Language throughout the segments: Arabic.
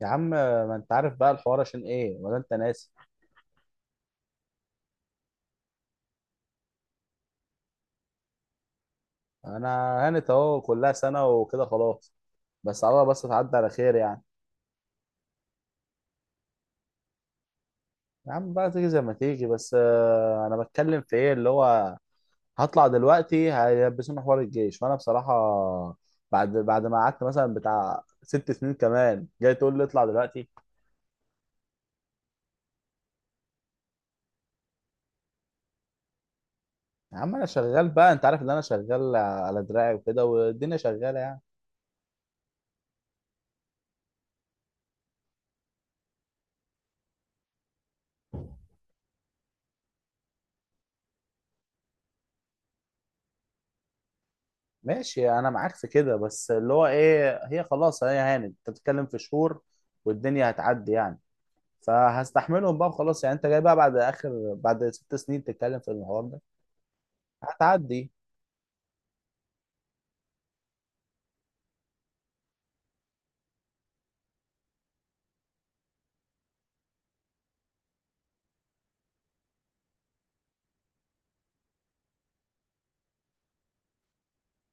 يا عم ما انت عارف بقى الحوار عشان ايه ولا انت ناسي. انا هانت اهو كلها سنه وكده خلاص. بس على الله بس تعدي على خير يعني. يا عم بقى تيجي زي ما تيجي بس انا بتكلم في ايه اللي هو هطلع دلوقتي هيلبسوني حوار الجيش. وانا بصراحه بعد ما قعدت مثلا بتاع ست سنين كمان جاي تقول لي اطلع دلوقتي. يا عم انا شغال بقى، انت عارف ان انا شغال على دراعي وكده والدنيا شغاله يعني. ماشي انا معاك في كده، بس اللي هو ايه هي خلاص، هي هانت، انت بتتكلم في شهور والدنيا هتعدي يعني. فهستحملهم بقى وخلاص يعني. انت جاي بقى بعد اخر بعد ست سنين تتكلم في المحور ده؟ هتعدي.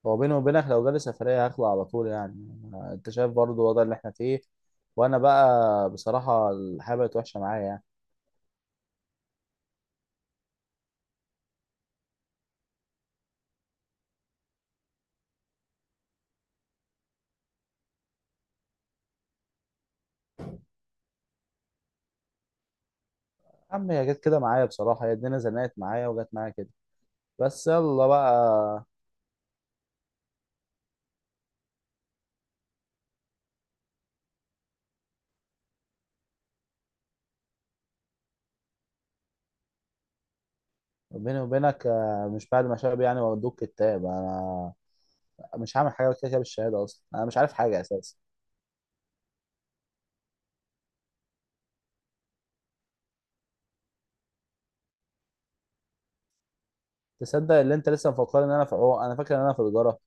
هو بيني وبينك لو جالي سفرية هخلع على طول يعني. انت شايف برضو الوضع اللي احنا فيه، وانا بقى بصراحة الحياة بقت وحشة معايا يعني. يا عم هي جت كده معايا بصراحة، هي الدنيا زنقت معايا وجت معايا كده. بس يلا بقى. بيني وبينك مش بعد ما شاب يعني وادوك كتاب. انا مش هعمل حاجه كده كده بالشهاده، اصلا انا مش عارف حاجه اساسا. تصدق اللي انت لسه مفكرني ان انا في عوق، انا فاكر ان انا في تجاره.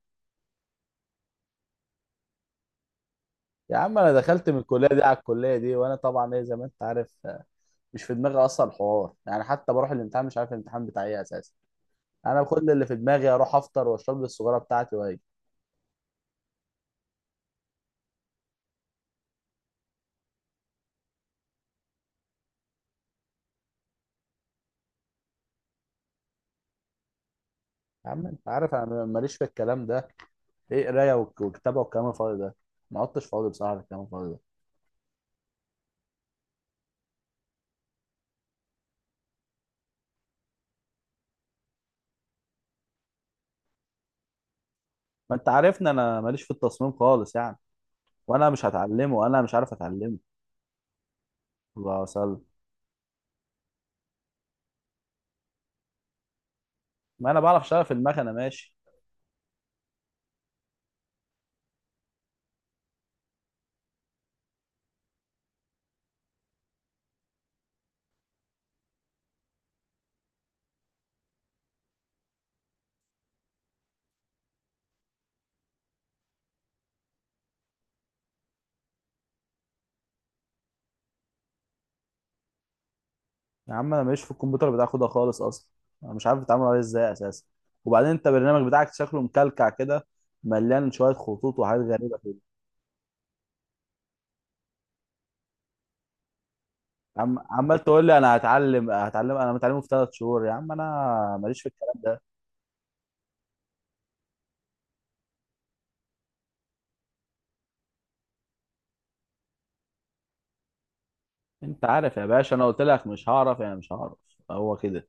يا عم انا دخلت من الكليه دي على الكليه دي وانا طبعا ايه زي ما انت عارف مش في دماغي اصلا الحوار يعني. حتى بروح الامتحان مش عارف الامتحان بتاعي ايه اساسا. انا كل اللي في دماغي اروح افطر واشرب لي السجاره بتاعتي واجي. يا عم انت عارف انا ماليش في الكلام ده، ايه قرايه وكتابه والكلام الفاضي ده. ما عدتش فاضي بصراحه للكلام الفاضي ده. ما انت عارفني انا ماليش في التصميم خالص يعني. وانا مش هتعلمه، انا مش عارف اتعلمه. الله. ما انا بعرف اشتغل في المكنه ماشي. يا عم انا ماليش في الكمبيوتر بتاعك ده خالص اصلا. انا مش عارف اتعامل عليه ازاي اساسا. وبعدين انت البرنامج بتاعك شكله مكلكع كده، مليان شويه خطوط وحاجات غريبه كده. عم عمال تقول لي انا هتعلم هتعلم، انا متعلمه في ثلاث شهور؟ يا عم انا ماليش في الكلام ده. انت عارف يا باشا انا قلت لك مش هعرف يعني مش هعرف. هو كده.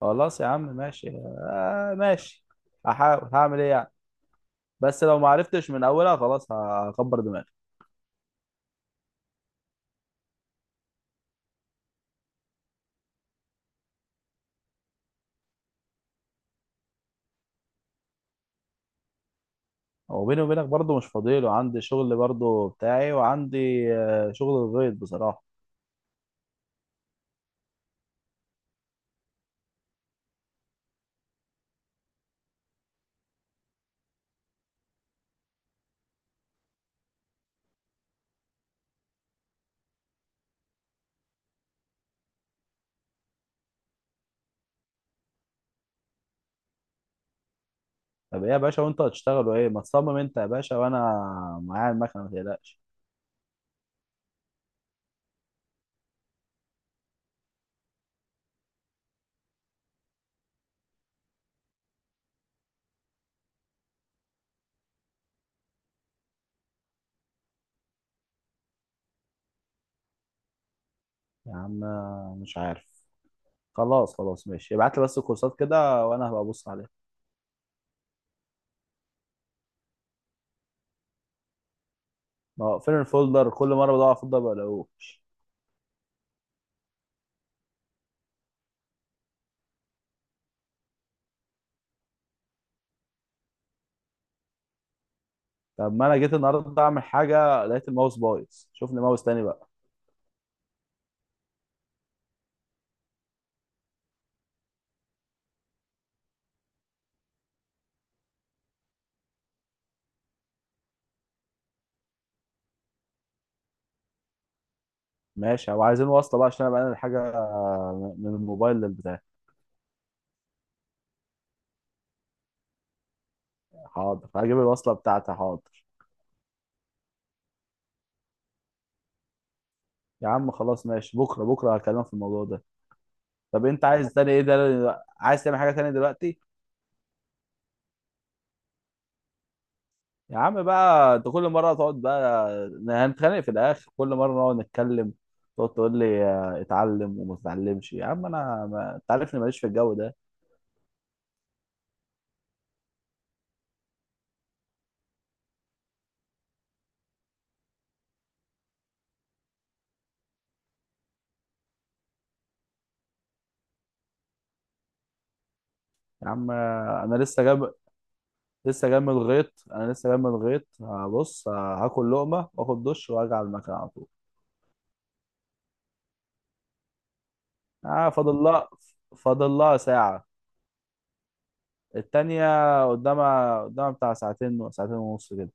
خلاص يا عم ماشي. آه ماشي. هحاول هعمل ايه يعني. بس لو ما عرفتش من اولها خلاص هكبر دماغي. هو بيني وبينك برضه مش فاضي له، عندي شغل برضه بتاعي وعندي شغل الغيط بصراحة. طب ايه يا باشا وانت هتشتغلوا ايه؟ ما تصمم انت يا باشا وانا معايا المكنة، ما تقلقش. يا عم مش عارف. خلاص خلاص ماشي، ابعت لي بس الكورسات كده وانا هبقى ابص عليها. ما هو فين الفولدر؟ كل مرة بدور على الفولدر ما بلاقوش. طب ما انا جيت النهارده اعمل حاجة لقيت الماوس بايظ، شوف لي ماوس تاني بقى. ماشي، هو عايزين وصلة بقى عشان انا بقى الحاجة من الموبايل للبتاع. حاضر هجيب الوصلة بتاعتي، حاضر. يا عم خلاص ماشي، بكره بكره هكلمك في الموضوع ده. طب انت عايز تاني ايه؟ ده عايز تعمل حاجه تانية دلوقتي؟ يا عم بقى انت كل مره تقعد بقى هنتخانق في الاخر، كل مره نقعد نتكلم تقعد تقول لي اتعلم وما تتعلمش. يا عم انا ما... انت عارفني ماليش في الجو ده. يا عم انا لسه جاب. لسه جاي من الغيط، انا لسه جاي من الغيط. هبص هاكل لقمه واخد دش وارجع على المكان على طول. اه فاضل لها، فاضل لها ساعه. التانية قدامها، قدامها بتاع ساعتين ساعتين ونص كده.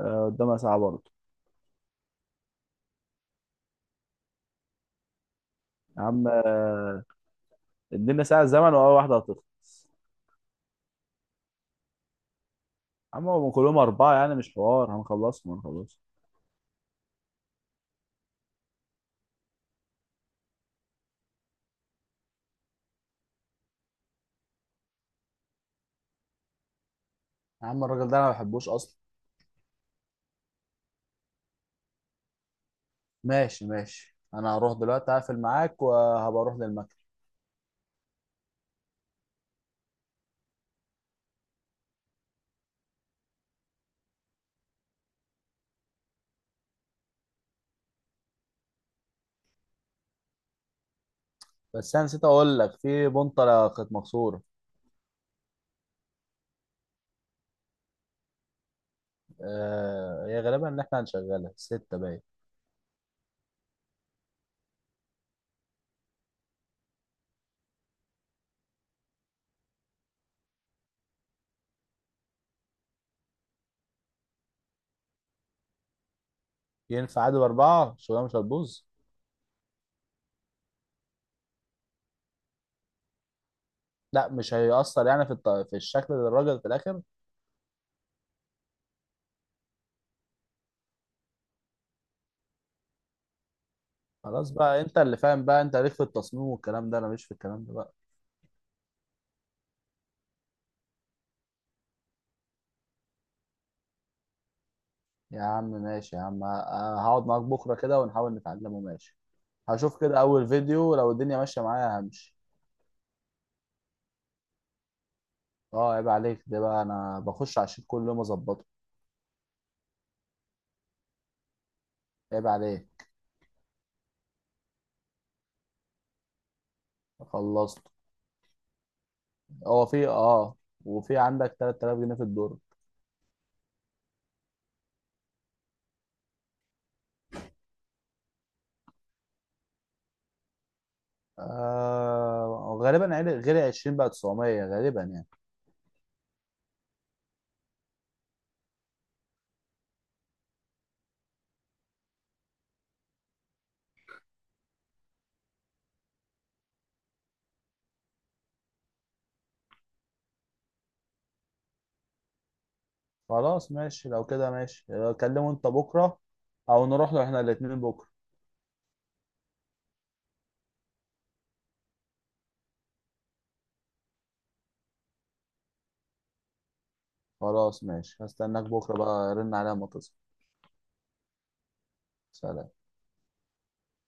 قدامها ساعة برضه. يا عم ادينا ساعة زمن وأول واحدة هتخلص. يا عم هم كلهم أربعة يعني، مش حوار، هنخلصهم هنخلصهم. يا عم الراجل ده انا ما بحبوش اصلا. ماشي ماشي، انا هروح دلوقتي هقفل معاك وهبقى اروح للمكتب. بس انا نسيت اقول لك في بنطلة كانت مكسورة. آه هي غالبا ان احنا هنشغلها ستة باين. ينفع عادي باربعة؟ الشغلانة مش هتبوظ؟ لا مش هيأثر يعني في في الشكل للراجل في الاخر. خلاص بقى انت اللي فاهم بقى، انت ليك في التصميم والكلام ده، انا مش في الكلام ده بقى. يا عم ماشي يا عم، هقعد معاك بكرة كده ونحاول نتعلمه ماشي. هشوف كده أول فيديو لو الدنيا ماشية معايا همشي. اه عيب عليك، ده بقى أنا بخش على الشيت كل يوم أظبطه. عيب عليك. خلصت. هو في اه وفي عندك 3,000 جنيه في الدور. آه غالبا غير 20 بقى 900 غالبا يعني. خلاص ماشي لو كده ماشي، كلمه انت بكرة. أو نروح له احنا الاتنين بكرة. خلاص ماشي هستناك بكرة بقى، رن عليا أما تصل. سلام.